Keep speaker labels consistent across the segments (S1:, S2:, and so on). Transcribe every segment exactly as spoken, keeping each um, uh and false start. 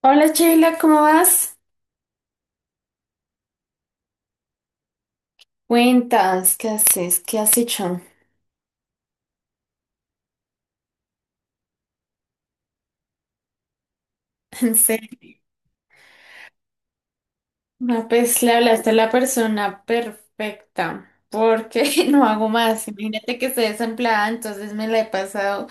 S1: Hola Sheila, ¿cómo vas? Cuentas, ¿qué haces? ¿Qué has hecho? En serio. No, pues le hablaste a la persona perfecta, porque no hago más. Imagínate que estoy desempleada, entonces me la he pasado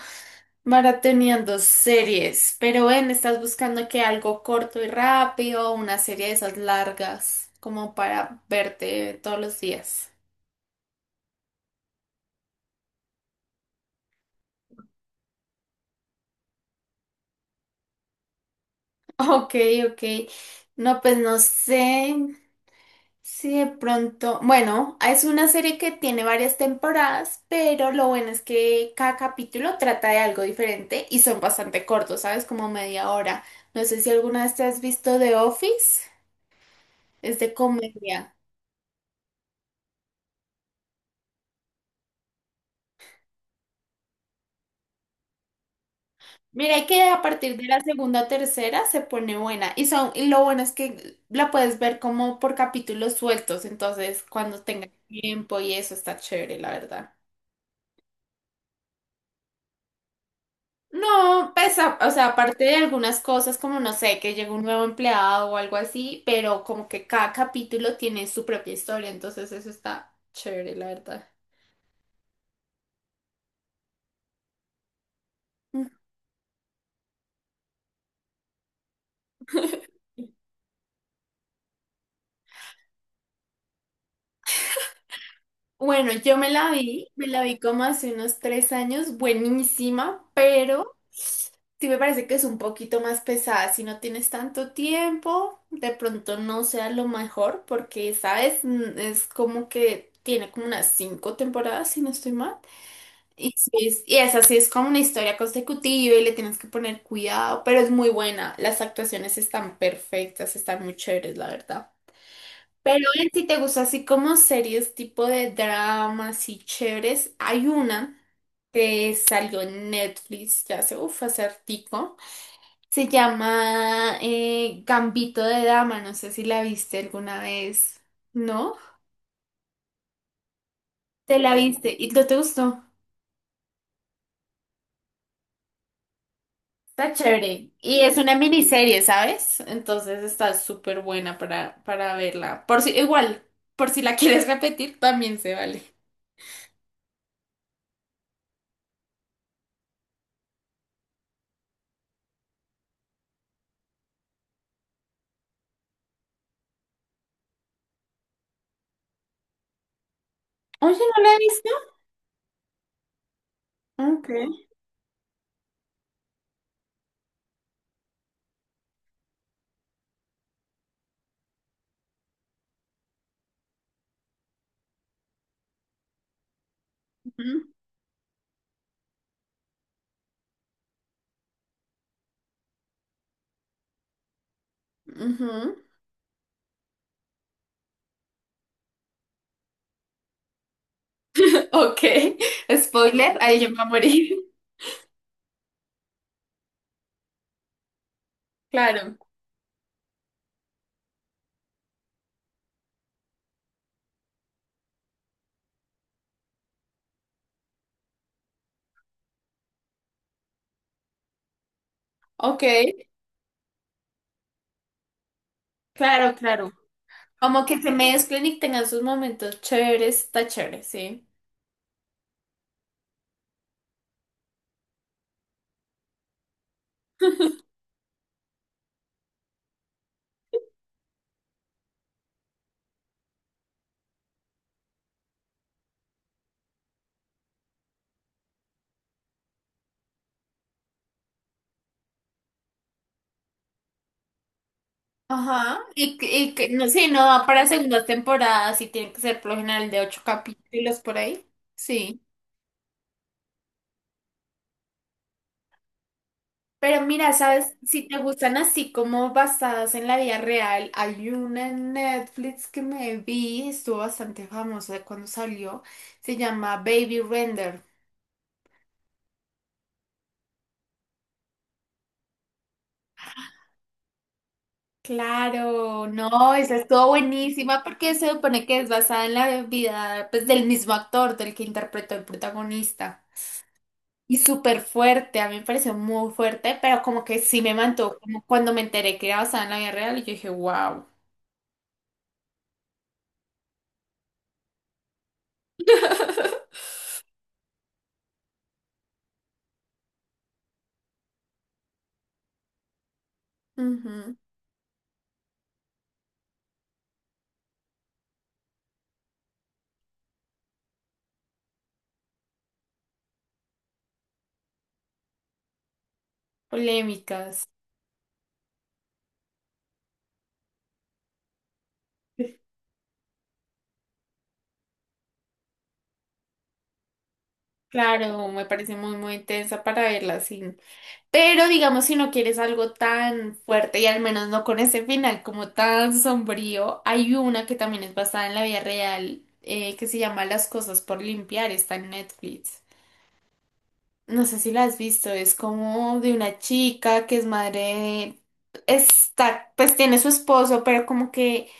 S1: maratoneando series. Pero ven, estás buscando que algo corto y rápido, una serie de esas largas, como para verte todos los días. Ok, ok. No, pues no sé. Sí, de pronto, bueno, es una serie que tiene varias temporadas, pero lo bueno es que cada capítulo trata de algo diferente y son bastante cortos, ¿sabes? Como media hora. No sé si alguna vez te has visto The Office, es de comedia. Mira, y que a partir de la segunda o tercera se pone buena y son, y lo bueno es que la puedes ver como por capítulos sueltos, entonces cuando tengas tiempo y eso está chévere, la verdad. No, pesa, o sea, aparte de algunas cosas como, no sé, que llegó un nuevo empleado o algo así, pero como que cada capítulo tiene su propia historia, entonces eso está chévere, la verdad. Bueno, yo me la vi, me la vi como hace unos tres años, buenísima, pero sí me parece que es un poquito más pesada. Si no tienes tanto tiempo, de pronto no sea lo mejor, porque, ¿sabes? Mm, Es como que tiene como unas cinco temporadas, si no estoy mal. Y, sí es, y esa sí es como una historia consecutiva y le tienes que poner cuidado, pero es muy buena. Las actuaciones están perfectas, están muy chéveres, la verdad. Pero en si te gusta así como series tipo de dramas y chéveres, hay una que salió en Netflix ya hace, uff, hace hartico. Se llama eh, Gambito de Dama, no sé si la viste alguna vez, ¿no? ¿Te la viste y no te gustó? Está chévere. Y es una miniserie, ¿sabes? Entonces está súper buena para, para verla. Por si, igual, por si la quieres repetir, también se vale. Oye, ¿no la he visto? Okay. Ujú, ujú. Ok. Spoiler, ahí yo me voy a morir. Claro. Ok. Claro, claro. Como que se mezclen y tengan sus momentos chéveres, está chévere, sí. Ajá. Y, que- y que no sé, no va para segunda temporada, sí tiene que ser por lo general de ocho capítulos por ahí. Sí. Pero mira, ¿sabes? Si te gustan así como basadas en la vida real, hay una en Netflix que me vi, estuvo bastante famosa cuando salió, se llama Baby Render. Claro, no, esa estuvo buenísima porque se supone que es basada en la vida pues, del mismo actor, del que interpretó el protagonista. Y súper fuerte, a mí me pareció muy fuerte, pero como que sí me mantuvo, como cuando me enteré que era basada en la vida real, y yo dije, wow. Polémicas. Claro, me parece muy, muy intensa para verla así. Pero digamos, si no quieres algo tan fuerte y al menos no con ese final como tan sombrío, hay una que también es basada en la vida real eh, que se llama Las cosas por limpiar, está en Netflix. No sé si la has visto, es como de una chica que es madre de... Está, pues tiene su esposo, pero como que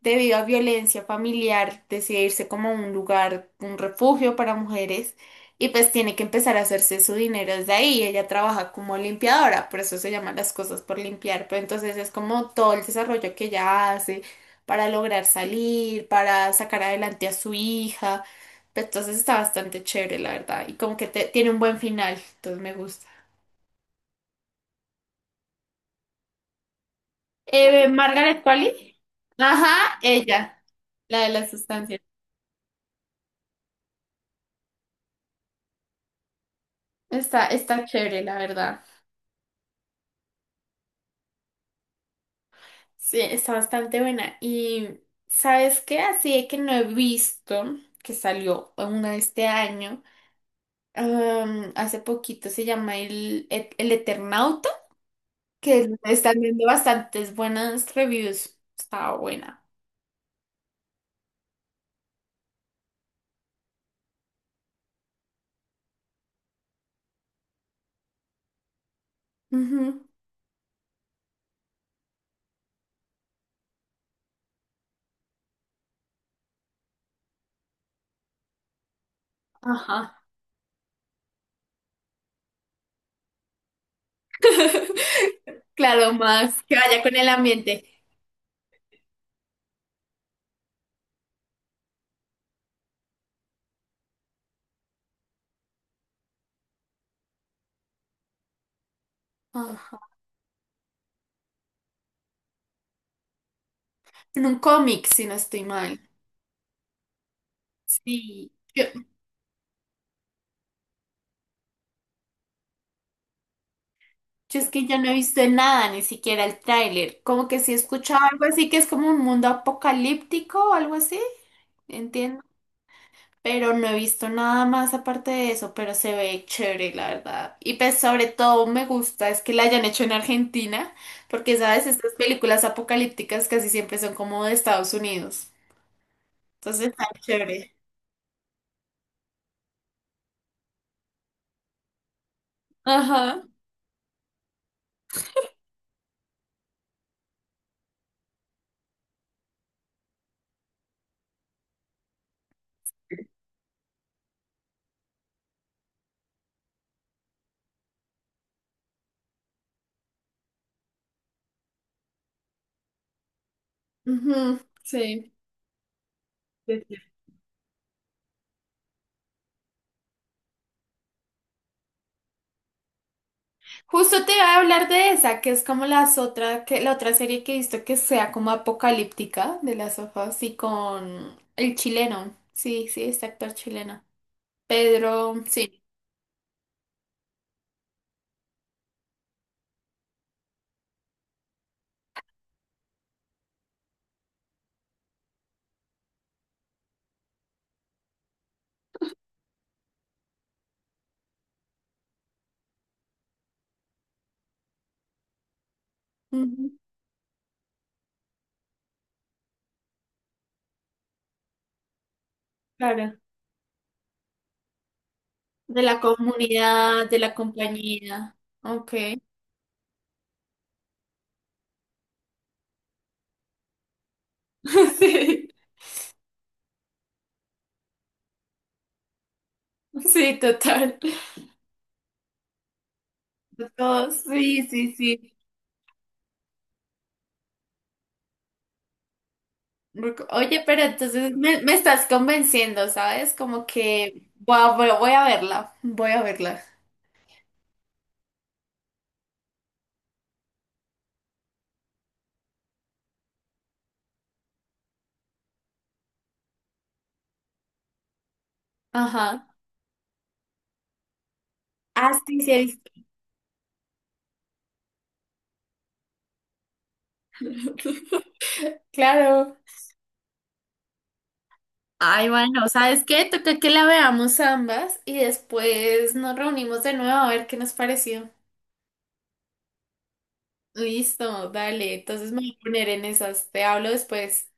S1: debido a violencia familiar, decide irse como a un lugar, un refugio para mujeres, y pues tiene que empezar a hacerse su dinero desde ahí. Ella trabaja como limpiadora, por eso se llaman las cosas por limpiar, pero entonces es como todo el desarrollo que ella hace para lograr salir, para sacar adelante a su hija. Pues, entonces está bastante chévere, la verdad, y como que te- tiene un buen final, entonces me gusta. Eh, Margaret Qualley. Ajá, ella, la de las sustancias. Está, está chévere, la verdad. Sí, está bastante buena. Y ¿sabes qué? Así de que no he visto que salió una este año. Am, hace poquito se llama El, Et- El Eternauta, que le están viendo bastantes buenas reviews. Estaba buena. Ujú. Ajá. Claro, más que vaya con el ambiente. Ajá. En un cómic, si no estoy mal. Sí. Yo es que yo no he visto nada, ni siquiera el tráiler. Como que sí he escuchado algo así que es como un mundo apocalíptico o algo así, entiendo. Pero no he visto nada más aparte de eso, pero se ve chévere, la verdad. Y pues sobre todo me gusta es que la hayan hecho en Argentina, porque sabes, estas películas apocalípticas casi siempre son como de Estados Unidos. Entonces está chévere. Ajá. Ujú, sí. Justo te iba a hablar de esa, que es como las otra, que, la otra serie que he visto que sea como apocalíptica de las hojas y con el chileno. Sí, sí, este actor chileno. Pedro, sí. Ujú, claro. De la comunidad, de la compañía. Ok. Sí, sí, total. Todos, sí, sí, sí. Rec- Oye, pero entonces me, me estás convenciendo, ¿sabes? Como que voy a, voy a verla, voy a verla. Ajá. Ah, sí, sí, he visto. Claro. Ay, bueno, ¿sabes qué? Toca que la veamos ambas y después nos reunimos de nuevo a ver qué nos pareció. Listo, dale. Entonces me voy a poner en esas. Te hablo después.